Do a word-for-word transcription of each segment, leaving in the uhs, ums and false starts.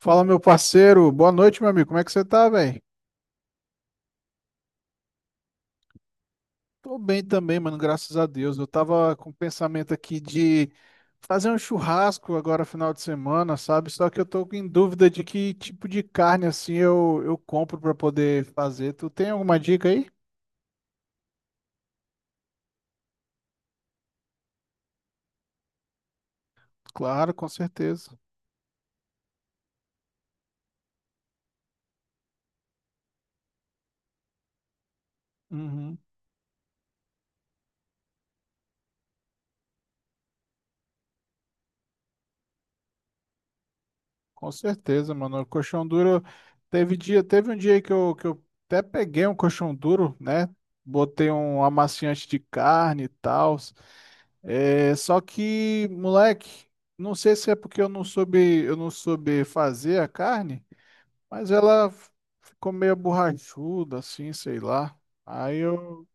Fala, meu parceiro. Boa noite, meu amigo. Como é que você tá, velho? Tô bem também, mano, graças a Deus. Eu tava com o pensamento aqui de fazer um churrasco agora, final de semana, sabe? Só que eu tô em dúvida de que tipo de carne, assim, eu, eu compro pra poder fazer. Tu tem alguma dica aí? Claro, com certeza. Uhum, com certeza, mano. O colchão duro teve dia, teve um dia que eu, que eu até peguei um colchão duro, né? Botei um amaciante de carne e tal. É, só que, moleque, não sei se é porque eu não soube, eu não soube fazer a carne, mas ela f- ficou meio borrachuda, assim, sei lá. Aí eu,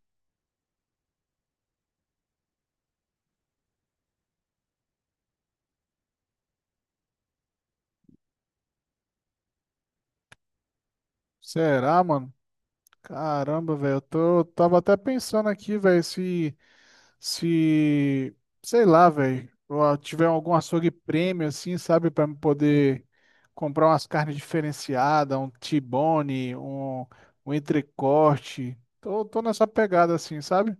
será, mano? Caramba, velho, eu tô, tava até pensando aqui, velho, se, se, sei lá, velho, eu ah, tiver algum açougue prêmio, assim, sabe, pra me poder comprar umas carnes diferenciadas, um T-bone, um, um entrecorte. Tô, tô nessa pegada, assim, sabe?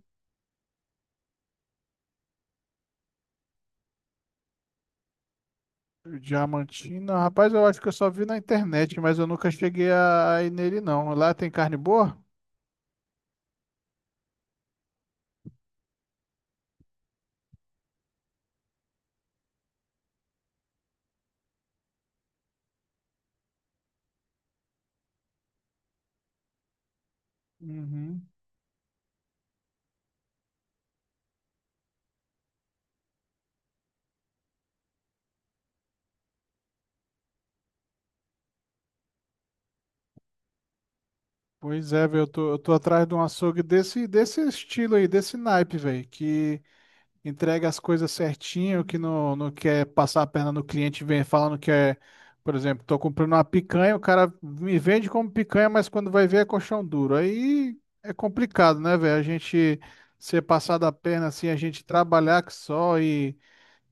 Diamantina, rapaz, eu acho que eu só vi na internet, mas eu nunca cheguei a a ir nele, não. Lá tem carne boa? Uhum. Pois é, velho, eu tô, eu tô atrás de um açougue desse, desse estilo aí, desse naipe, velho, que entrega as coisas certinho, que não, não quer passar a perna no cliente, vem falando que é, por exemplo, tô comprando uma picanha, o cara me vende como picanha, mas quando vai ver é colchão duro. Aí é complicado, né, velho? A gente ser passado a perna assim, a gente trabalhar que só e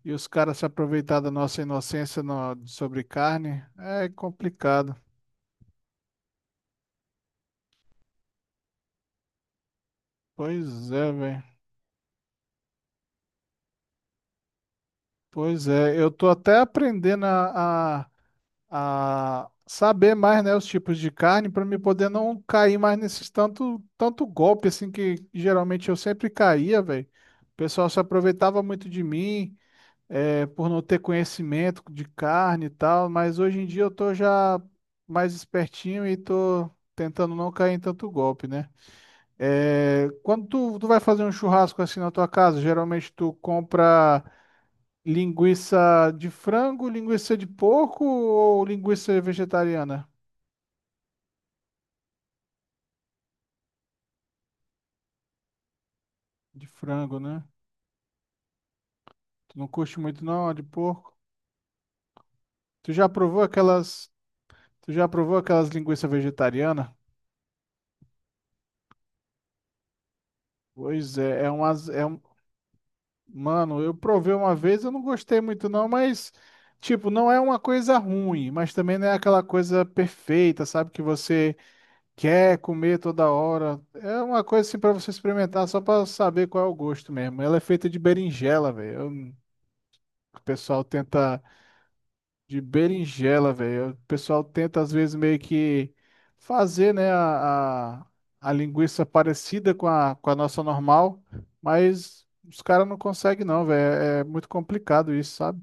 E os caras se aproveitar da nossa inocência no- sobre carne é complicado. Pois é, velho. Pois é. Eu tô até aprendendo a, a, a saber mais, né, os tipos de carne para me poder não cair mais nesses tanto, tanto golpe assim que geralmente eu sempre caía, velho. O pessoal se aproveitava muito de mim, é, por não ter conhecimento de carne e tal, mas hoje em dia eu tô já mais espertinho e tô tentando não cair em tanto golpe, né? É, quando tu, tu vai fazer um churrasco assim na tua casa, geralmente tu compra linguiça de frango, linguiça de porco ou linguiça vegetariana? De frango, né? Tu não curte muito não, a de porco. Tu já provou aquelas, tu já provou aquelas linguiças vegetarianas? Pois é, é umas, é um, mano, eu provei uma vez, eu não gostei muito não, mas tipo, não é uma coisa ruim, mas também não é aquela coisa perfeita, sabe? Que você quer comer toda hora. É uma coisa assim para você experimentar só para saber qual é o gosto mesmo. Ela é feita de berinjela, velho. Eu- O pessoal tenta de berinjela, velho. O pessoal tenta às vezes meio que fazer, né, a, a, a linguiça parecida com a, com a nossa normal, mas os caras não conseguem não, velho. É é muito complicado isso, sabe?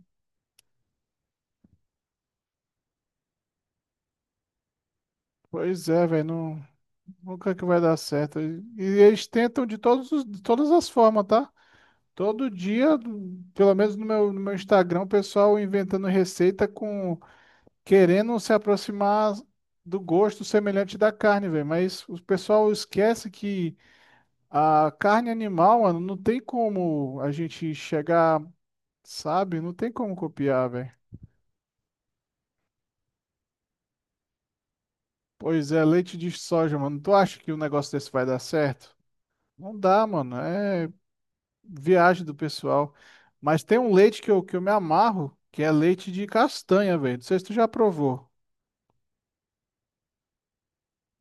Pois é, velho, não, nunca que vai dar certo. E, e eles tentam de todos, os- de todas as formas, tá? Todo dia, pelo menos no meu, no meu Instagram, o pessoal inventando receita com querendo se aproximar do gosto semelhante da carne, velho. Mas o pessoal esquece que a carne animal, mano, não tem como a gente chegar, sabe? Não tem como copiar, velho. Pois é, leite de soja, mano. Tu acha que um negócio desse vai dar certo? Não dá, mano. É viagem do pessoal. Mas tem um leite que eu, que eu me amarro, que é leite de castanha, velho. Não sei se tu já provou.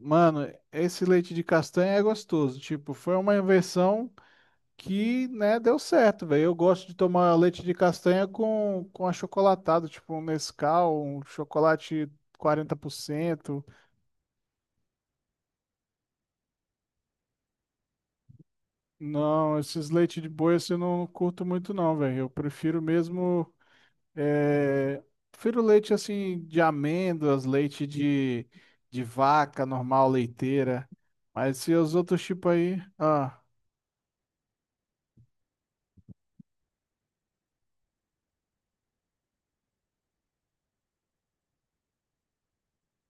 Mano, esse leite de castanha é gostoso. Tipo, foi uma invenção que, né, deu certo, velho. Eu gosto de tomar leite de castanha com, com achocolatado, tipo um Nescau, um chocolate quarenta por cento. Não, esses leite de boi assim, eu não curto muito não, velho. Eu prefiro mesmo, é, prefiro leite assim de amêndoas, leite de, de vaca normal, leiteira. Mas se os outros tipos aí, ah.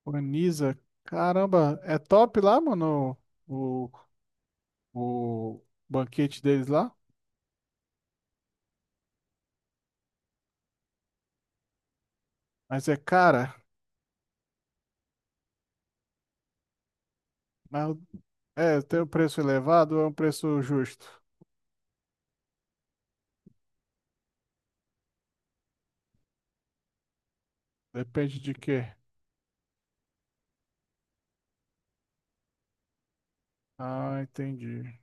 Organiza. Caramba, é top lá, mano, o, o banquete deles lá. Mas é cara, mas é, tem um preço elevado ou é um preço justo? Depende de quê? Ah, entendi.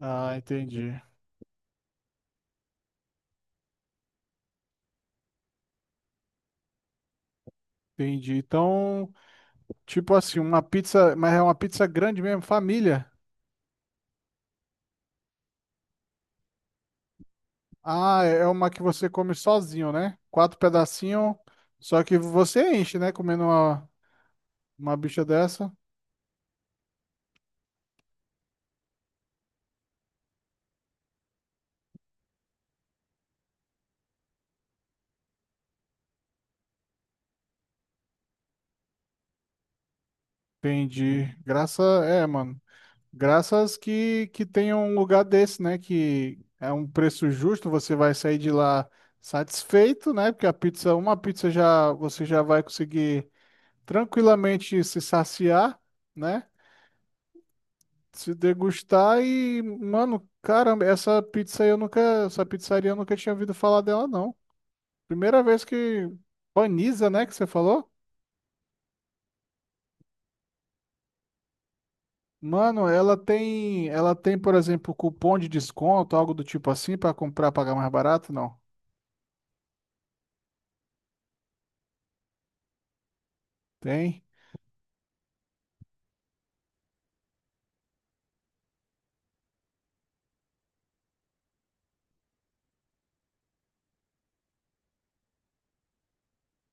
Ah, entendi. Entendi. Então, tipo assim, uma pizza, mas é uma pizza grande mesmo, família. Ah, é é uma que você come sozinho, né? Quatro pedacinhos, só que você enche, né? Comendo uma, uma bicha dessa. Entendi. Graça é, mano. Graças que, que tenha um lugar desse, né? Que é um preço justo, você vai sair de lá satisfeito, né? Porque a pizza, uma pizza já você já vai conseguir tranquilamente se saciar, né? Se degustar e, mano, caramba, essa pizza aí eu nunca, essa pizzaria eu nunca tinha ouvido falar dela, não. Primeira vez que Paniza, né, que você falou? Mano, ela tem, ela tem, por exemplo, cupom de desconto, algo do tipo assim, para comprar, pagar mais barato? Não. Tem.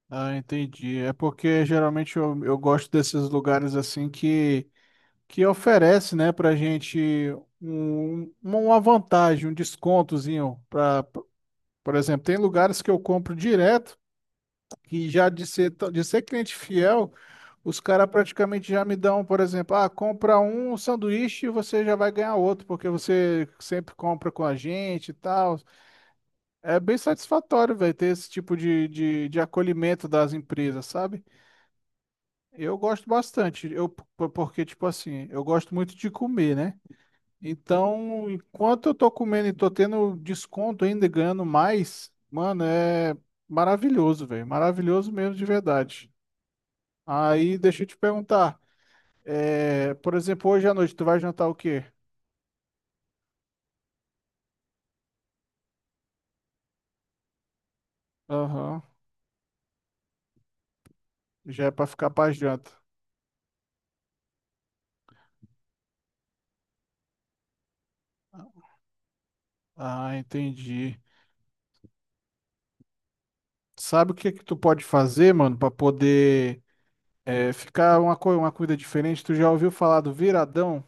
Ah, entendi. É porque geralmente eu, eu gosto desses lugares assim que, que oferece, né, pra gente um, uma vantagem, um descontozinho. Pra, por exemplo, tem lugares que eu compro direto e já de ser, t- de ser cliente fiel, os caras praticamente já me dão, por exemplo, ah, compra um sanduíche e você já vai ganhar outro, porque você sempre compra com a gente e tal. É bem satisfatório, velho, ter esse tipo de, de, de acolhimento das empresas, sabe? Eu gosto bastante, eu, po- porque, tipo assim, eu gosto muito de comer, né? Então, enquanto eu tô comendo e tô tendo desconto ainda, e ganhando mais, mano, é maravilhoso, velho. Maravilhoso mesmo de verdade. Aí, deixa eu te perguntar, é, por exemplo, hoje à noite, tu vai jantar o quê? Aham, já é pra ficar pra janta. Ah, entendi. Sabe o que que tu pode fazer, mano, pra poder é, ficar uma, co- uma comida diferente? Tu já ouviu falar do viradão?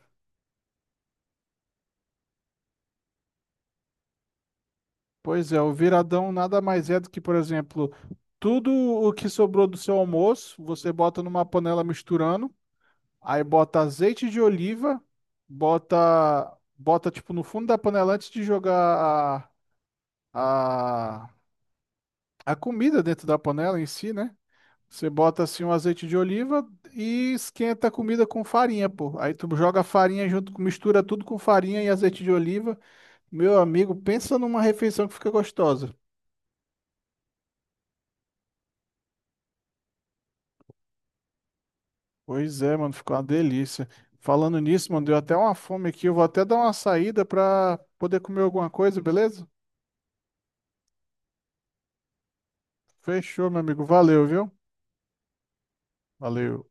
Pois é, o viradão nada mais é do que, por exemplo, tudo o que sobrou do seu almoço, você bota numa panela misturando, aí bota azeite de oliva, bota, bota tipo no fundo da panela antes de jogar a, a, a comida dentro da panela em si, né? Você bota assim um azeite de oliva e esquenta a comida com farinha, pô. Aí tu joga a farinha junto, com- mistura tudo com farinha e azeite de oliva. Meu amigo, pensa numa refeição que fica gostosa. Pois é, mano, ficou uma delícia. Falando nisso, mano, deu até uma fome aqui. Eu vou até dar uma saída pra poder comer alguma coisa, beleza? Fechou, meu amigo. Valeu, viu? Valeu.